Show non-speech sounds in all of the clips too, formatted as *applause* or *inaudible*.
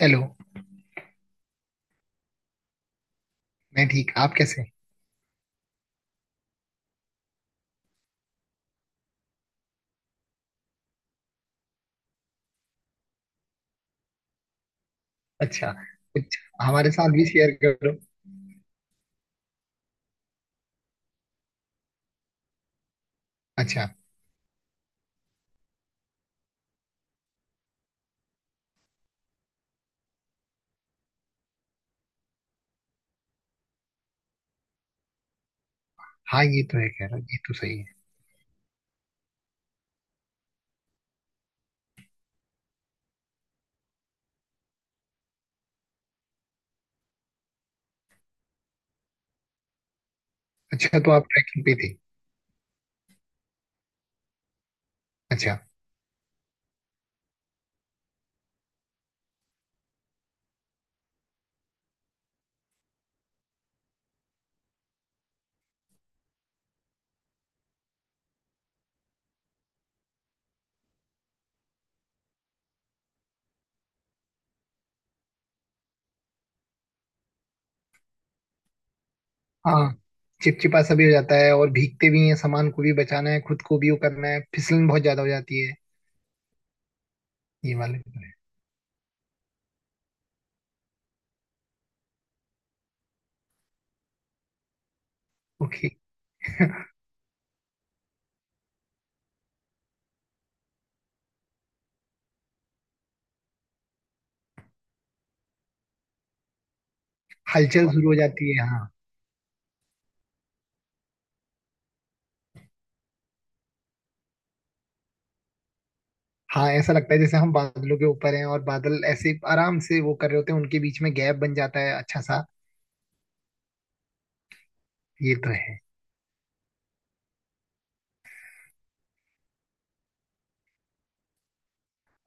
Hello. मैं ठीक। आप कैसे हैं? अच्छा, कुछ हमारे साथ भी शेयर करो। अच्छा। हाँ, ये तो है, कह रहा, ये तो सही है। अच्छा, तो आप ट्रैकिंग पे थे। अच्छा। हाँ, चिपचिपा सा भी हो जाता है और भीगते भी हैं, सामान को भी बचाना है, खुद को भी वो करना है, फिसलन बहुत ज्यादा हो जाती है। ये वाले तो है। ओके। *laughs* हलचल शुरू हो जाती है, हाँ। हाँ, ऐसा लगता है जैसे हम बादलों के ऊपर हैं और बादल ऐसे आराम से वो कर रहे होते हैं, उनके बीच में गैप बन जाता है अच्छा सा। ये तो है।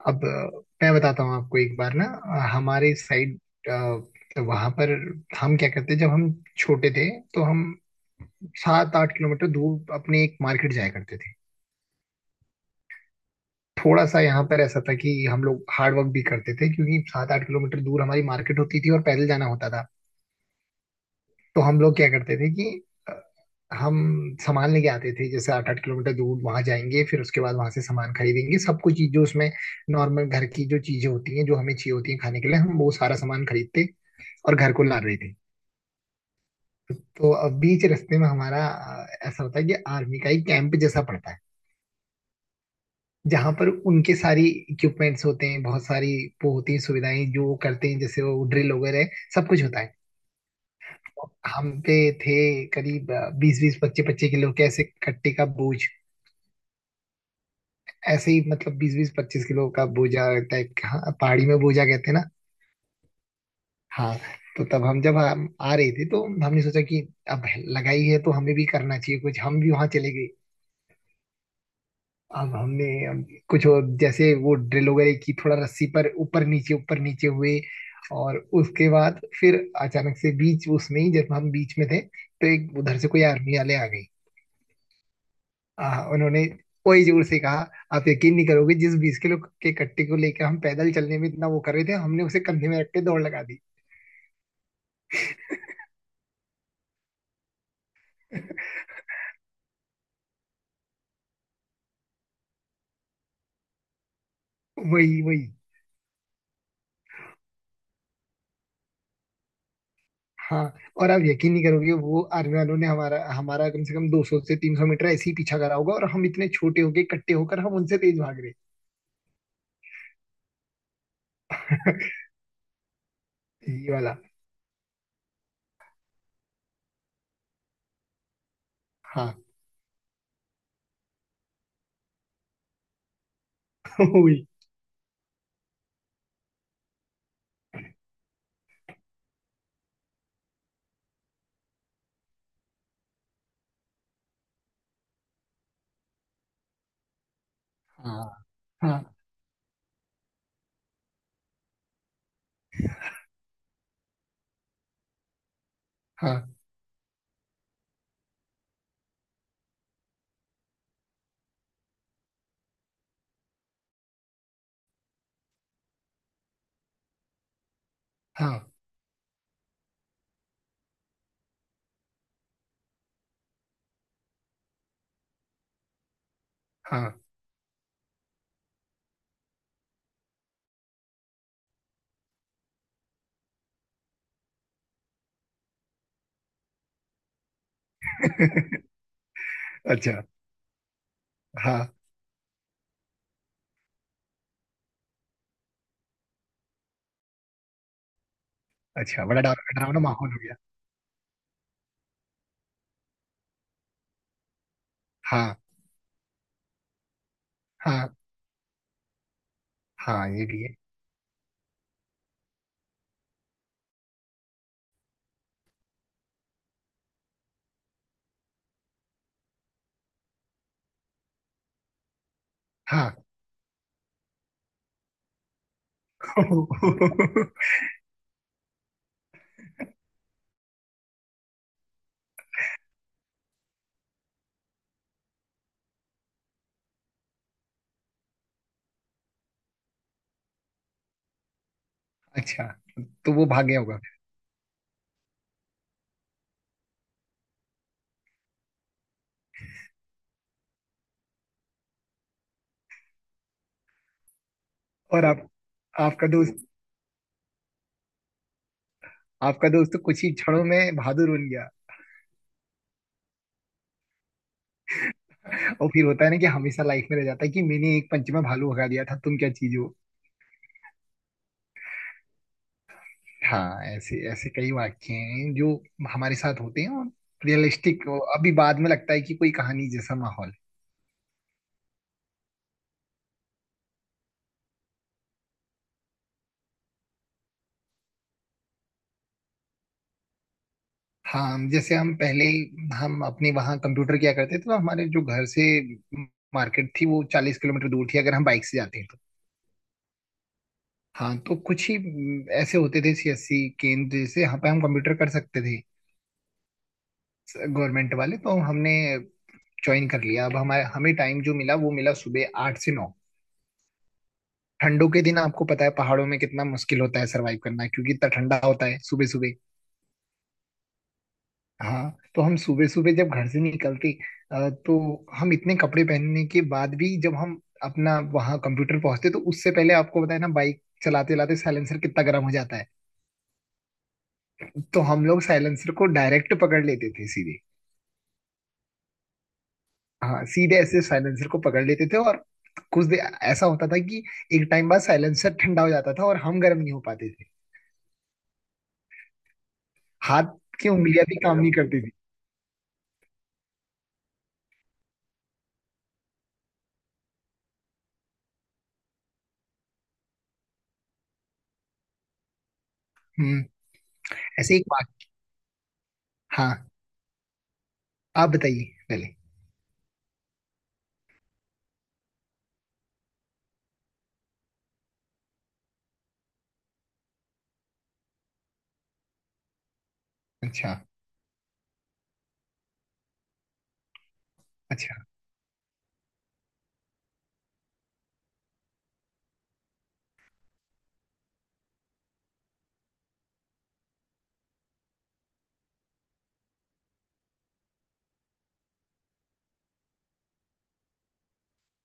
अब मैं बताता हूँ आपको, एक बार ना हमारे साइड वहां पर। हम क्या करते जब हम छोटे थे, तो हम 7 8 किलोमीटर दूर अपने एक मार्केट जाया करते थे। थोड़ा सा यहाँ पर ऐसा था कि हम लोग हार्ड वर्क भी करते थे, क्योंकि 7 8 किलोमीटर दूर हमारी मार्केट होती थी और पैदल जाना होता था। तो हम लोग क्या करते थे कि अ, हम सामान लेके आते थे, जैसे 8 8 किलोमीटर दूर वहां जाएंगे, फिर उसके बाद वहां से सामान खरीदेंगे, सब कुछ चीज जो उसमें नॉर्मल घर की जो चीजें होती हैं जो हमें चाहिए होती हैं खाने के लिए, हम वो सारा सामान खरीदते और घर को ला रहे थे। तो अब बीच रास्ते में हमारा ऐसा होता है कि आर्मी का एक कैंप जैसा पड़ता है, जहाँ पर उनके सारी इक्विपमेंट्स होते हैं, बहुत सारी वो होती हैं सुविधाएं जो वो करते हैं, जैसे वो ड्रिल वगैरह सब कुछ होता है। हम पे थे करीब 20 20 25 25 किलो के ऐसे कट्टे का बोझ। ऐसे ही, मतलब 20 20 25 किलो का बोझा टाइप का। हाँ, पहाड़ी में बोझा कहते हैं ना। हाँ। तो तब हम, जब हम आ रहे थे तो हमने सोचा कि अब लगाई है तो हमें भी करना चाहिए कुछ, हम भी वहां चले गए। अब हमने अब कुछ और जैसे वो ड्रिल वगैरह की, थोड़ा रस्सी पर ऊपर नीचे हुए, और उसके बाद फिर अचानक से बीच उसमें ही, जब हम बीच में थे तो एक उधर से कोई आर्मी वाले आ गए, हाँ। उन्होंने वही जोर से कहा। आप यकीन नहीं करोगे, जिस 20 किलो के कट्टे को लेकर हम पैदल चलने में इतना वो कर रहे थे, हमने उसे कंधे में रख के दौड़ लगा दी। *laughs* वही वही, हाँ। और आप यकीन नहीं करोगे, वो आर्मी वालों ने हमारा हमारा कम से कम 200 से 300 मीटर ऐसे ही पीछा करा होगा, और हम इतने छोटे होके इकट्ठे होकर हम उनसे तेज भाग रहे। *laughs* ये वाला। हाँ। *laughs* वही। हाँ, हाँ, हाँ, हाँ, हाँ। *laughs* अच्छा। हाँ। अच्छा, बड़ा डरावना माहौल हो गया। हाँ, हाँ, हाँ, ये भी है, हाँ। *laughs* अच्छा, तो वो भाग गया होगा। और आप आपका दोस्त आपका दोस्त तो कुछ ही क्षणों में बहादुर बन गया। और फिर होता है ना कि हमेशा लाइफ में रह जाता है कि मैंने एक पंच में भालू भगा दिया था, तुम क्या चीज हो। हाँ, ऐसे ऐसे कई वाक्य हैं जो हमारे साथ होते हैं, और रियलिस्टिक अभी बाद में लगता है कि कोई कहानी जैसा माहौल है। हाँ, जैसे हम पहले, हम अपने वहाँ कंप्यूटर किया करते थे, तो हमारे जो घर से मार्केट थी वो 40 किलोमीटर दूर थी अगर हम बाइक से जाते। हाँ, तो कुछ ही ऐसे होते थे सीएससी केंद्र जैसे यहाँ पे हम कंप्यूटर कर सकते थे। गवर्नमेंट वाले तो हमने ज्वाइन कर लिया। अब हमारे हमें टाइम जो मिला वो मिला सुबह 8 से 9। ठंडों के दिन आपको पता है पहाड़ों में कितना मुश्किल होता है सरवाइव करना, क्योंकि इतना ठंडा होता है सुबह सुबह। हाँ, तो हम सुबह सुबह जब घर से निकलते तो हम इतने कपड़े पहनने के बाद भी जब हम अपना वहाँ कंप्यूटर पहुंचते, तो उससे पहले आपको पता है ना बाइक चलाते चलाते साइलेंसर कितना गर्म हो जाता है। तो हम लोग साइलेंसर को डायरेक्ट पकड़ लेते थे सीधे। हाँ, सीधे ऐसे साइलेंसर को पकड़ लेते थे, और कुछ देर ऐसा होता था कि एक टाइम बाद साइलेंसर ठंडा हो जाता था और हम गर्म नहीं हो पाते थे। हाथ की उंगलियां भी काम नहीं करती थी। हम्म। ऐसे एक बात। हाँ, आप बताइए पहले। अच्छा। अच्छा।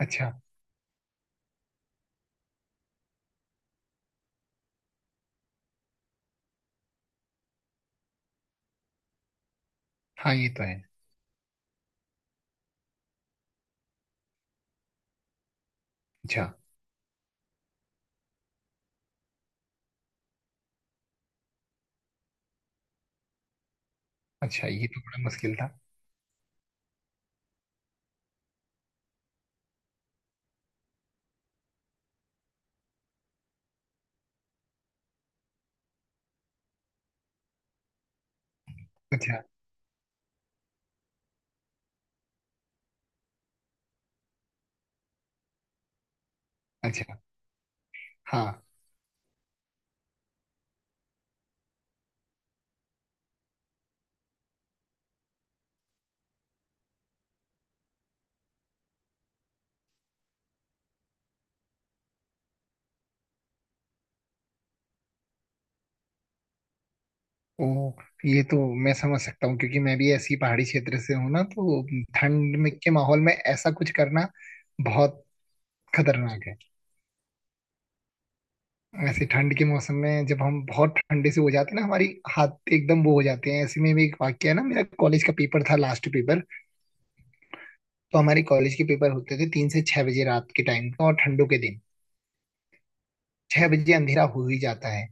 अच्छा। हाँ, ये तो है। अच्छा। अच्छा, ये तो बड़ा मुश्किल था। अच्छा। अच्छा। हाँ। ओ, ये तो मैं समझ सकता हूँ क्योंकि मैं भी ऐसी पहाड़ी क्षेत्र से हूँ ना, तो ठंड में के माहौल में ऐसा कुछ करना बहुत खतरनाक है। ऐसे ठंड के मौसम में जब हम बहुत ठंडे से हो जाते हैं ना, हमारी हाथ एकदम वो हो जाते हैं। ऐसे में भी एक वाक्य है ना, मेरा कॉलेज का पेपर था, लास्ट पेपर। तो हमारे कॉलेज के पेपर होते थे 3 से 6 बजे, रात के टाइम का, और ठंडों के दिन 6 बजे अंधेरा हो ही जाता है।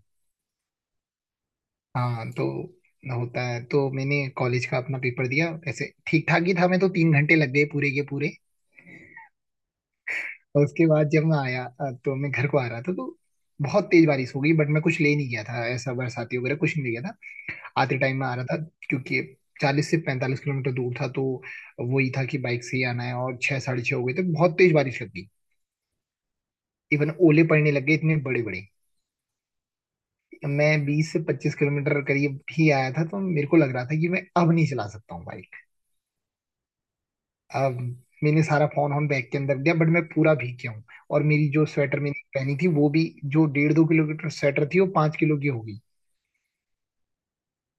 हाँ, तो होता है। तो मैंने कॉलेज का अपना पेपर दिया, ऐसे ठीक ठाक ही था मैं, तो 3 घंटे लग गए पूरे के पूरे। और उसके बाद जब मैं आया तो मैं घर को आ रहा था, तो बहुत तेज बारिश हो गई, बट मैं कुछ ले नहीं गया था, ऐसा बरसाती वगैरह कुछ नहीं ले गया था। आते टाइम में आ रहा था, क्योंकि 40 से 45 किलोमीटर दूर था, तो वही था कि बाइक से ही आना है, और 6 साढ़े 6 हो गए थे, बहुत तेज बारिश लग गई। इवन ओले पड़ने लग गए इतने बड़े बड़े। मैं 20 से 25 किलोमीटर करीब ही आया था, तो मेरे को लग रहा था कि मैं अब नहीं चला सकता हूँ बाइक। अब मैंने सारा फोन ऑन बैग के अंदर दिया, बट मैं पूरा भीग गया हूँ, और मेरी जो स्वेटर मैंने पहनी थी वो भी, जो डेढ़ दो किलोमीटर स्वेटर थी वो 5 किलो की हो गई।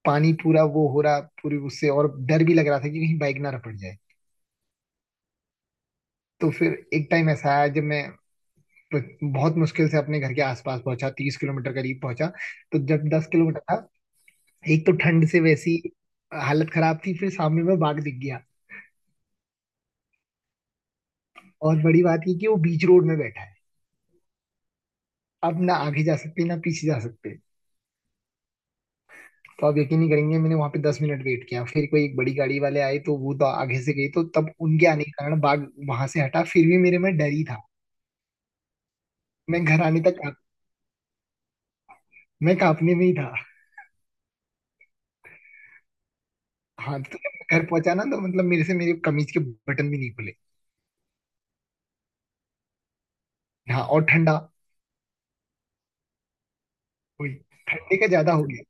पानी पूरा वो हो रहा पूरी उससे, और डर भी लग रहा था कि कहीं बाइक ना रपट जाए। तो फिर एक टाइम ऐसा आया जब मैं बहुत मुश्किल से अपने घर के आसपास पहुंचा, 30 किलोमीटर करीब पहुंचा। तो जब 10 किलोमीटर था, एक तो ठंड से वैसी हालत खराब थी, फिर सामने में बाघ दिख गया। और बड़ी बात ये कि वो बीच रोड में बैठा है। अब ना आगे जा सकते ना पीछे जा सकते। तो आप यकीन नहीं करेंगे, मैंने वहां पे 10 मिनट वेट किया, फिर कोई एक बड़ी गाड़ी वाले आए तो वो तो आगे से गए, तो तब उनके आने के कारण बाघ वहां से हटा, फिर भी मेरे में डर ही था। मैं घर आने तक मैं कांपने में ही था। हाँ, तो जब मैं घर पहुंचा ना, तो मतलब मेरे से मेरे कमीज के बटन भी नहीं खुले। हाँ, और ठंडा हुई, ठंडी का ज्यादा हो गया।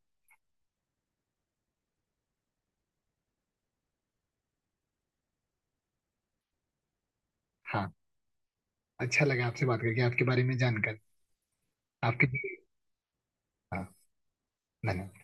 हाँ, अच्छा लगा आपसे बात करके, आपके बारे में जानकर। आपके लिए। हाँ। धन्यवाद।